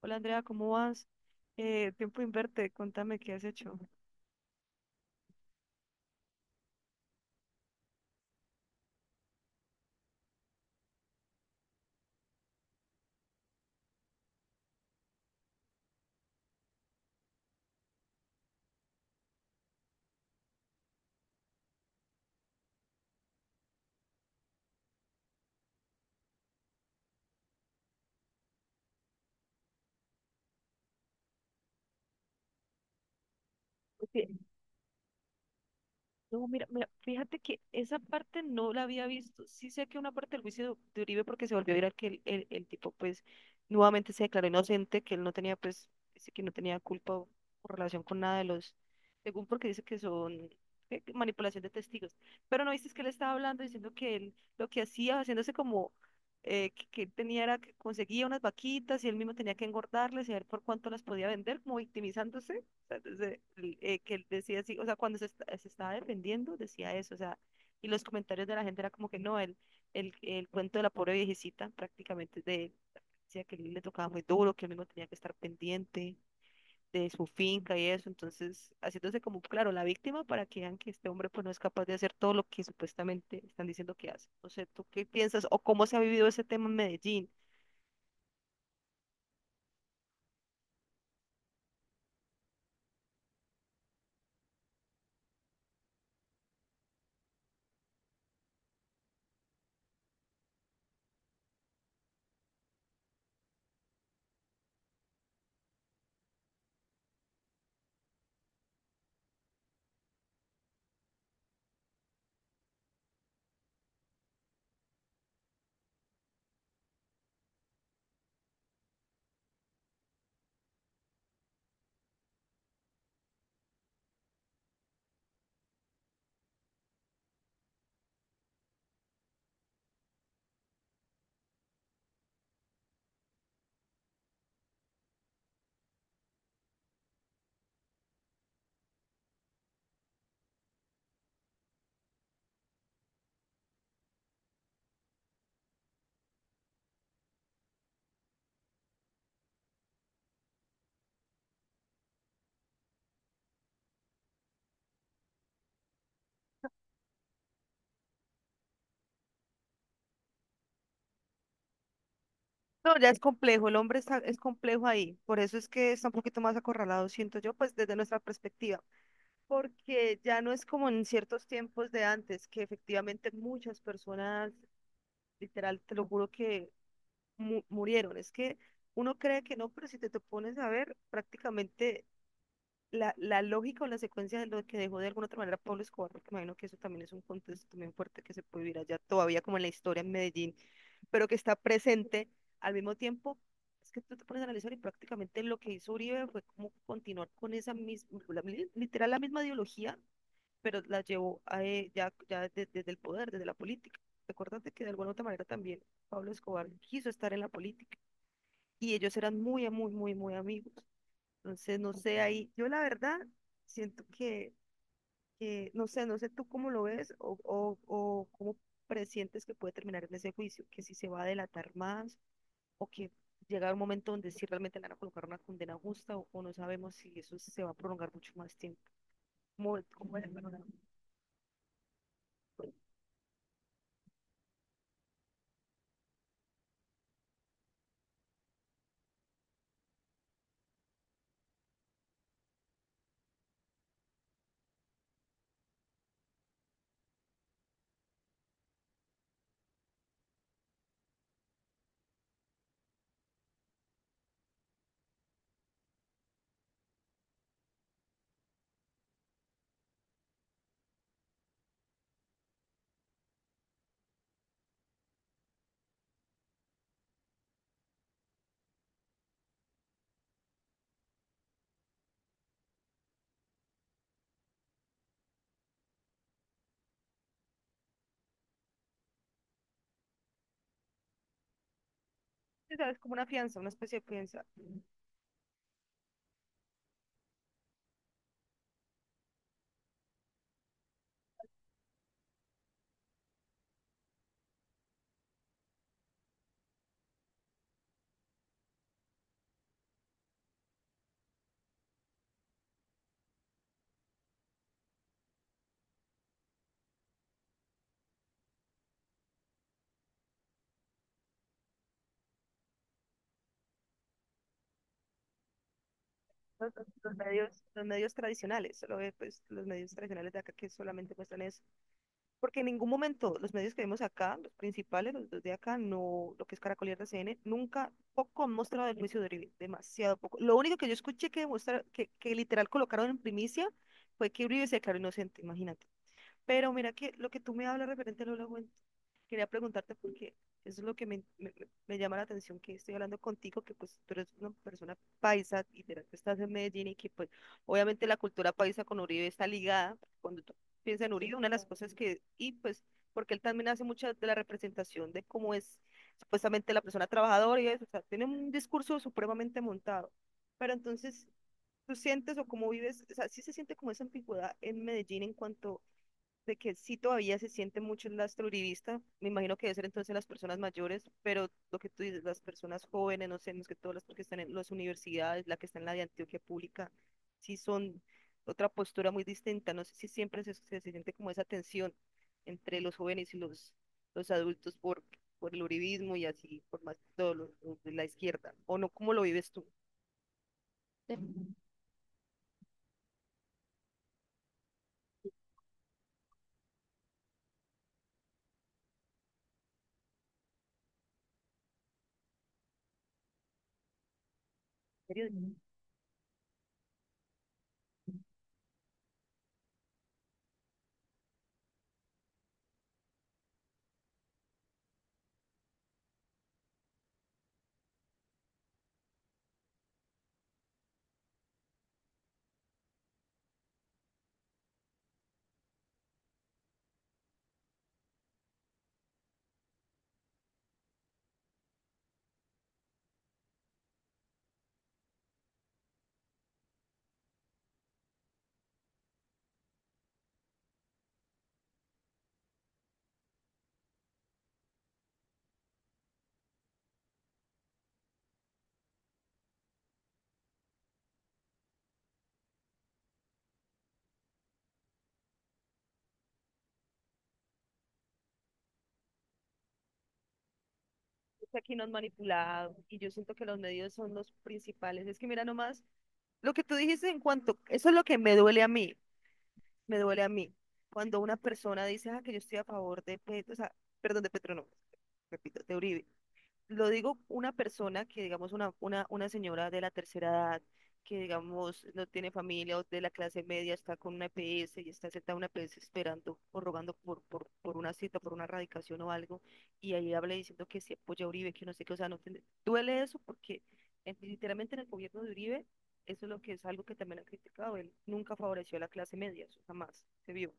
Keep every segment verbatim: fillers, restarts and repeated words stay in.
Hola Andrea, ¿cómo vas? Eh, tiempo inverte, contame qué has hecho. Sí. No, mira, mira, fíjate que esa parte no la había visto. Sí sé que una parte del juicio de de Uribe porque se volvió a viral que el, el, el tipo pues nuevamente se declaró inocente, que él no tenía pues, dice que no tenía culpa o, o relación con nada de los, según porque dice que son ¿qué? Que manipulación de testigos. Pero no viste es que él estaba hablando diciendo que él lo que hacía, haciéndose como eh, que, que él tenía era que conseguía unas vaquitas y él mismo tenía que engordarlas y a ver por cuánto las podía vender, como victimizándose sea, desde eh, que él decía así, o sea, cuando se, esta- se estaba defendiendo, decía eso, o sea, y los comentarios de la gente era como que no, el, el, el cuento de la pobre viejecita prácticamente es de él, decía que él le tocaba muy duro, que él mismo tenía que estar pendiente de su finca y eso, entonces haciéndose como, claro, la víctima para que vean que este hombre pues no es capaz de hacer todo lo que supuestamente están diciendo que hace. No sé, ¿tú qué piensas o cómo se ha vivido ese tema en Medellín? No, ya es complejo, el hombre está, es complejo ahí, por eso es que está un poquito más acorralado, siento yo, pues desde nuestra perspectiva, porque ya no es como en ciertos tiempos de antes, que efectivamente muchas personas, literal, te lo juro que mu- murieron, es que uno cree que no, pero si te, te pones a ver prácticamente la, la lógica o la secuencia de lo que dejó de alguna otra manera Pablo Escobar, porque me imagino que eso también es un contexto también fuerte que se puede vivir allá todavía como en la historia en Medellín pero que está presente al mismo tiempo. Es que tú te pones a analizar y prácticamente lo que hizo Uribe fue como continuar con esa misma, la- li- literal la misma ideología, pero la llevó a, eh, ya, ya de- desde, el poder, desde la política. Recuérdate que de alguna u otra manera también Pablo Escobar quiso estar en la política y ellos eran muy, muy, muy, muy amigos. Entonces, no sé, ahí yo la verdad siento que, que no sé, no sé tú cómo lo ves o, o, o cómo presientes que puede terminar en ese juicio, que si se va a delatar más o que llega un momento donde sí realmente le van a colocar una condena justa o, o no sabemos si eso se va a prolongar mucho más tiempo. Como, como, ¿sabes? Como una fianza, una especie de fianza. Los, los- los medios, los medios tradicionales, solo ve, pues, los medios tradicionales de acá que solamente muestran eso. Porque en ningún momento los medios que vemos acá, los principales, los dos de acá, no, lo que es Caracol y R C N, nunca, poco han mostrado el juicio de Uribe, demasiado poco. Lo único que yo escuché que, demostra- que, que literal colocaron en primicia fue que Uribe se declaró inocente, imagínate. Pero mira que lo que tú me hablas referente a al Holocuento, quería preguntarte porque eso es lo que me, me- me- me llama la atención, que estoy hablando contigo, que pues tú eres una persona paisa, y de- que estás en Medellín y que pues obviamente la cultura paisa con Uribe está ligada. Cuando tú piensas en Uribe, una de las cosas que, y pues porque él también hace mucha de la representación de cómo es supuestamente la persona trabajadora y eso, o sea, tiene un discurso supremamente montado. Pero entonces, ¿tú sientes o cómo vives? O sea, sí se siente como esa ambigüedad en Medellín en cuanto de que sí todavía se siente mucho el lastre uribista, me imagino que debe ser entonces las personas mayores, pero lo que tú dices, las personas jóvenes, no sé, más que todas las que están en las universidades, la que está en la de Antioquia Pública, sí son otra postura muy distinta, no sé si siempre se, se siente como esa tensión entre los jóvenes y los, los adultos por, por el uribismo y así, por más que todo lo, lo de la izquierda, o no, ¿cómo lo vives tú? En serio, es que aquí nos han manipulado y yo siento que los medios son los principales, es que mira nomás lo que tú dijiste en cuanto, eso es lo que me duele a mí, me duele a mí. Cuando una persona dice, ah, que yo estoy a favor de Petro, o sea, perdón, de Petro no, repito, de Uribe lo digo una persona que, digamos, una, una, una señora de la tercera edad, que, digamos, no tiene familia o de la clase media, está con una E P S y está sentada en una E P S esperando o rogando por, por, por una cita, por una radicación o algo, y ahí habla diciendo que se apoya a Uribe, que no sé qué, o sea, no tiene- duele eso porque eh, literalmente en el gobierno de Uribe, eso es lo que es algo que también han criticado, él nunca favoreció a la clase media, eso jamás se vio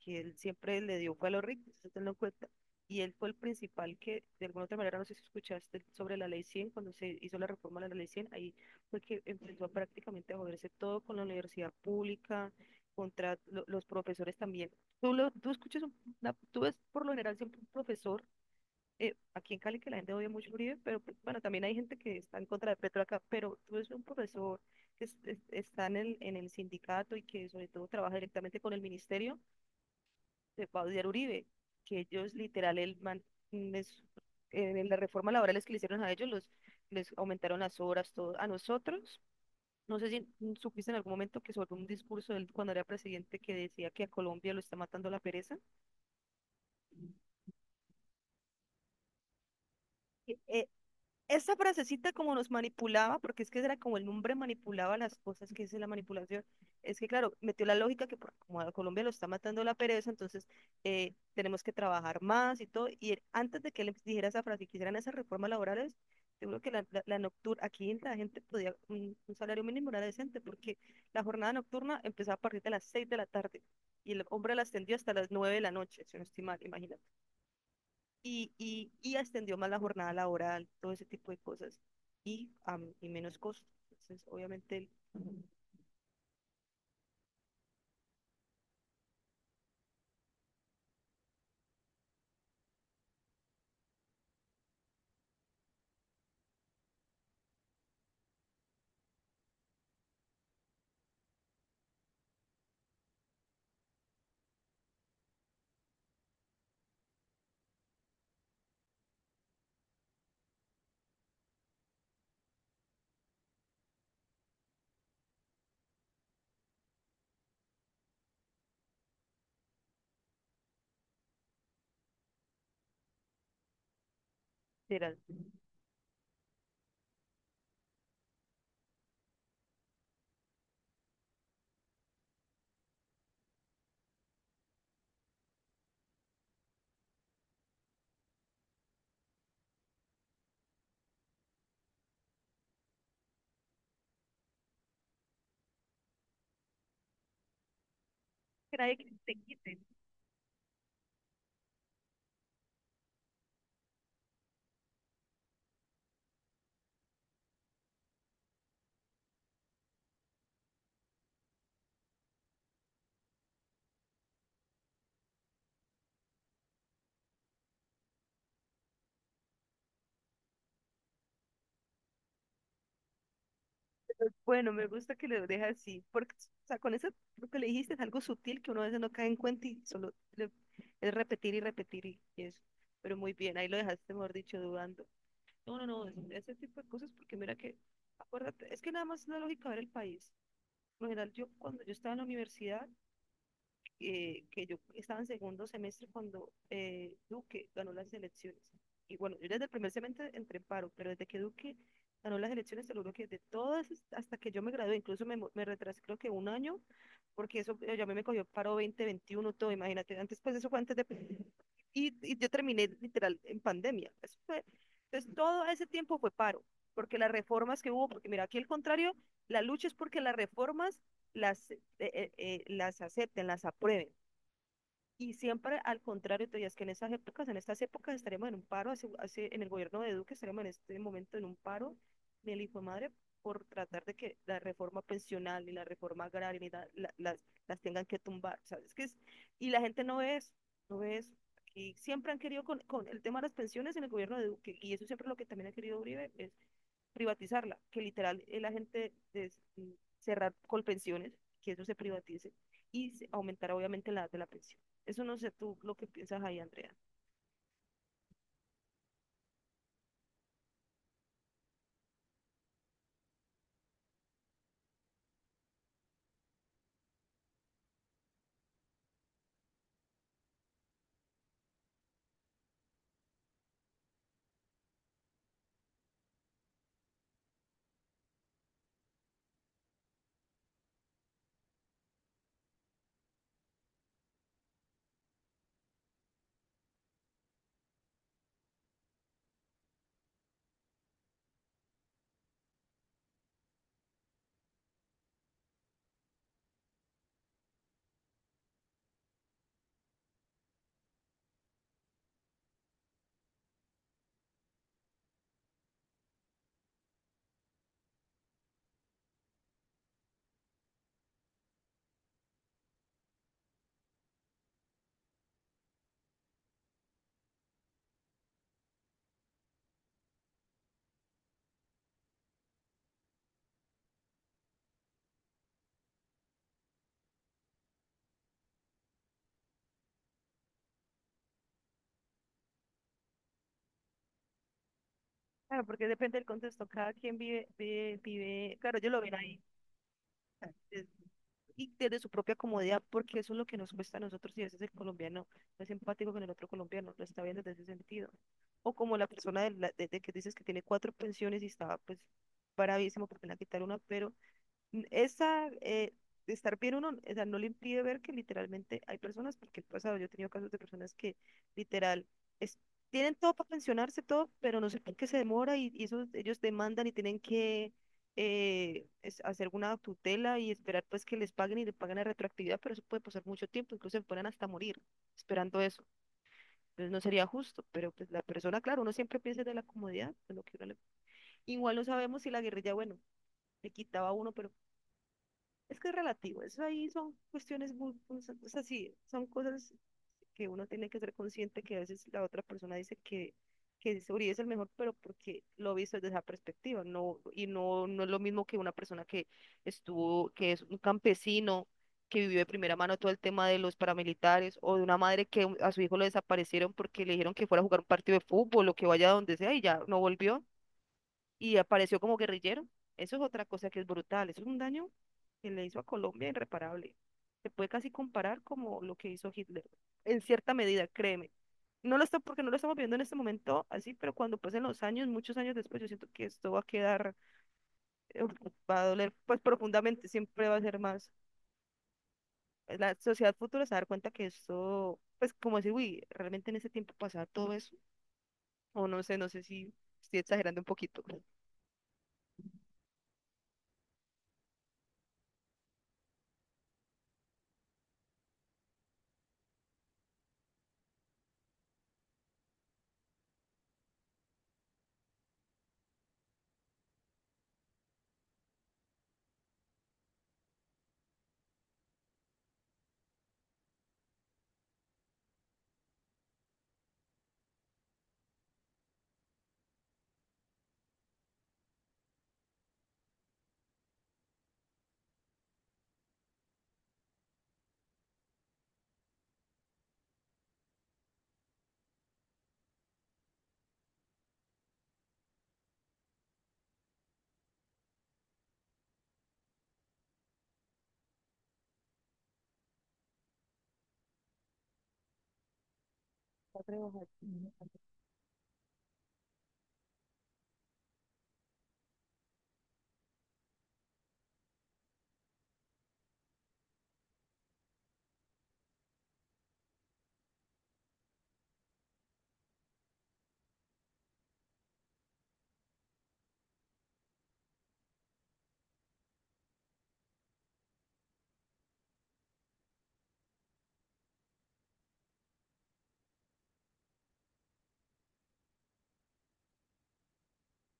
que él siempre le dio fue a los ricos, eso tenlo en cuenta. Y él fue el principal que, de alguna otra manera, no sé si escuchaste sobre la ley cien cuando se hizo la reforma de la ley cien ahí fue que empezó prácticamente a joderse todo con la universidad pública, contra lo- los profesores también. Tú, lo, tú escuchas, un- una- tú ves por lo general siempre un profesor, eh, aquí en Cali que la gente odia mucho a Uribe, pero pues, bueno, también hay gente que está en contra de Petro acá, pero tú ves un profesor que es- es- está en el, en el sindicato y que sobre todo trabaja directamente con el ministerio de Claudia Uribe, que ellos literal el man- les- en la reforma laboral que le hicieron a ellos los les aumentaron las horas todo a nosotros. No sé si supiste en algún momento que sobre un discurso de él cuando era presidente que decía que a Colombia lo está matando la pereza. E- e- Esa frasecita como nos manipulaba, porque es que era como el hombre manipulaba las cosas, que es la manipulación, es que claro, metió la lógica que por- como a Colombia lo está matando la pereza, entonces eh, tenemos que trabajar más y todo, y él- antes de que él dijera esa frase, que hicieran esas reformas laborales, seguro que la, la, la nocturna, aquí la gente podía un, un salario mínimo era decente, porque la jornada nocturna empezaba a partir de las seis de la tarde, y el hombre la extendió hasta las nueve de la noche, si no estoy mal, imagínate y, y, y extendió más la jornada laboral, todo ese tipo de cosas, y, am, y menos costo. Entonces, obviamente, será que nadie que te quite. Pero bueno, me gusta que lo deje así, porque o sea, con eso lo que le dijiste es algo sutil que uno a veces no cae en cuenta y solo le- es repetir y repetir y, y eso. Pero muy bien, ahí lo dejaste, mejor dicho, dudando. No, no, no, es- ese tipo de cosas, porque mira que, acuérdate, es que nada más es la lógica ver el país. Por lo general, yo cuando yo estaba en la universidad, eh, que yo estaba en segundo semestre cuando eh, Duque ganó las elecciones. Y bueno, yo desde el primer semestre entré en paro, pero desde que Duque ganó las elecciones, te lo que de todas, es- hasta que yo me gradué, incluso me, mo- me retrasé creo que un año, porque eso eh, ya me cogió paro dos mil veintiuno todo, imagínate, antes pues eso fue antes de... Y, y yo terminé literal en pandemia. Eso fue, entonces todo ese tiempo fue paro, porque las reformas que hubo, porque mira, aquí al contrario, la lucha es porque las reformas las, eh, eh, eh, las acepten, las aprueben. Y siempre al contrario, todavía es que en estas épocas, en estas épocas estaremos en un paro, hace, hace, en el gobierno de Duque estaremos en este momento en un paro del hijo de madre por tratar de que la reforma pensional y la reforma agraria ni la, la, las, las tengan que tumbar, ¿sabes? Que es, y la gente no ve eso, no ve eso. Y siempre han querido con, con, el tema de las pensiones en el gobierno de Duque, y eso siempre es lo que también ha querido Uribe, es privatizarla, que literal eh, la gente de cerrar Colpensiones, que eso se privatice y se- aumentar obviamente la edad de la pensión. Eso no sé tú lo que piensas ahí, Andrea. Claro, porque depende del contexto. Cada quien vive, vive, vive, claro, ellos lo ven ahí desde- Y desde su propia comodidad, porque eso es lo que nos cuesta a nosotros y a veces el colombiano no es empático con el otro colombiano, lo está viendo desde ese sentido. O como la persona de, la- de- de que dices que tiene cuatro pensiones y está pues bravísimo porque le han quitado una, pero n- esa, eh, de estar bien uno, o sea, no le impide ver que literalmente hay personas, porque el pasado yo he tenido casos de personas que literal es- tienen todo para pensionarse, todo, pero no sé por qué se demora y, y eso, ellos demandan y tienen que eh, es- hacer una tutela y esperar pues que les paguen y le paguen la retroactividad, pero eso puede pasar mucho tiempo, incluso se pueden hasta morir esperando eso. Entonces no sería justo, pero pues la persona, claro, uno siempre piensa de la comodidad, de lo que uno le- Igual no sabemos si la guerrilla, bueno, le quitaba a uno, pero es que es relativo, eso ahí son cuestiones muy, pues, o sea, sí, son cosas que uno tiene que ser consciente que a veces la otra persona dice que, que es- Uribe es el mejor, pero porque lo he visto desde esa perspectiva, no, y no, no es lo mismo que una persona que estuvo, que es un campesino, que vivió de primera mano todo el tema de los paramilitares, o de una madre que a su hijo lo desaparecieron porque le dijeron que fuera a jugar un partido de fútbol o que vaya a donde sea y ya no volvió y apareció como guerrillero. Eso es otra cosa que es brutal, eso es un daño que le hizo a Colombia irreparable. Se puede casi comparar como lo que hizo Hitler, en cierta medida, créeme. No lo está porque no lo estamos viendo en este momento así, pero cuando pasen los años, muchos años después, yo siento que esto va a quedar, eh, va a doler pues profundamente, siempre va a ser más. Pues, La sociedad futura se va a dar cuenta que esto, pues como decir, uy, realmente en ese tiempo pasaba todo eso, o no sé, no sé si estoy exagerando un poquito. Va a trabajar.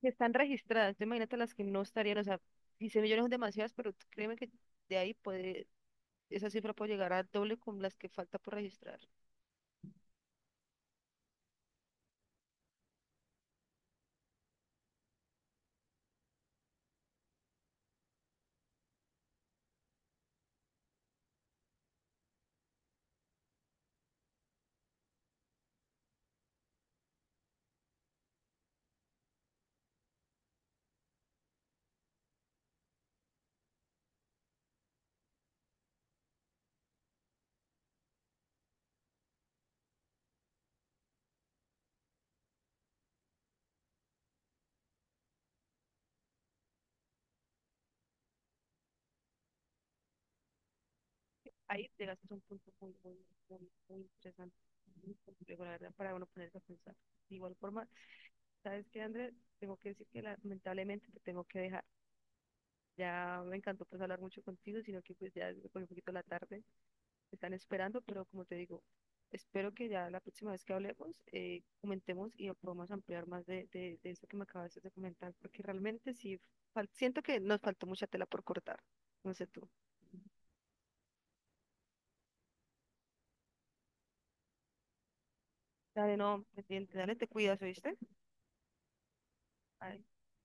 Que están registradas. Tú imagínate las que no estarían, o sea, quince millones son demasiadas, pero créeme que de ahí puede, esa cifra puede llegar a doble con las que falta por registrar. Ahí te gastas un punto muy, muy, muy, muy interesante, muy complejo, la verdad, para uno ponerse a pensar. De igual forma, ¿sabes qué, Andrés? Tengo que decir que lamentablemente te tengo que dejar. Ya me encantó pues hablar mucho contigo, sino que pues ya se me cogió un poquito la tarde. Están esperando, pero como te digo, espero que ya la próxima vez que hablemos, eh, comentemos y podamos ampliar más de, de, de eso que me acabas de comentar, porque realmente sí, fal- siento que nos faltó mucha tela por cortar, no sé tú. Dale, no, pendiente, dale, te cuidas, ¿oíste? Ay,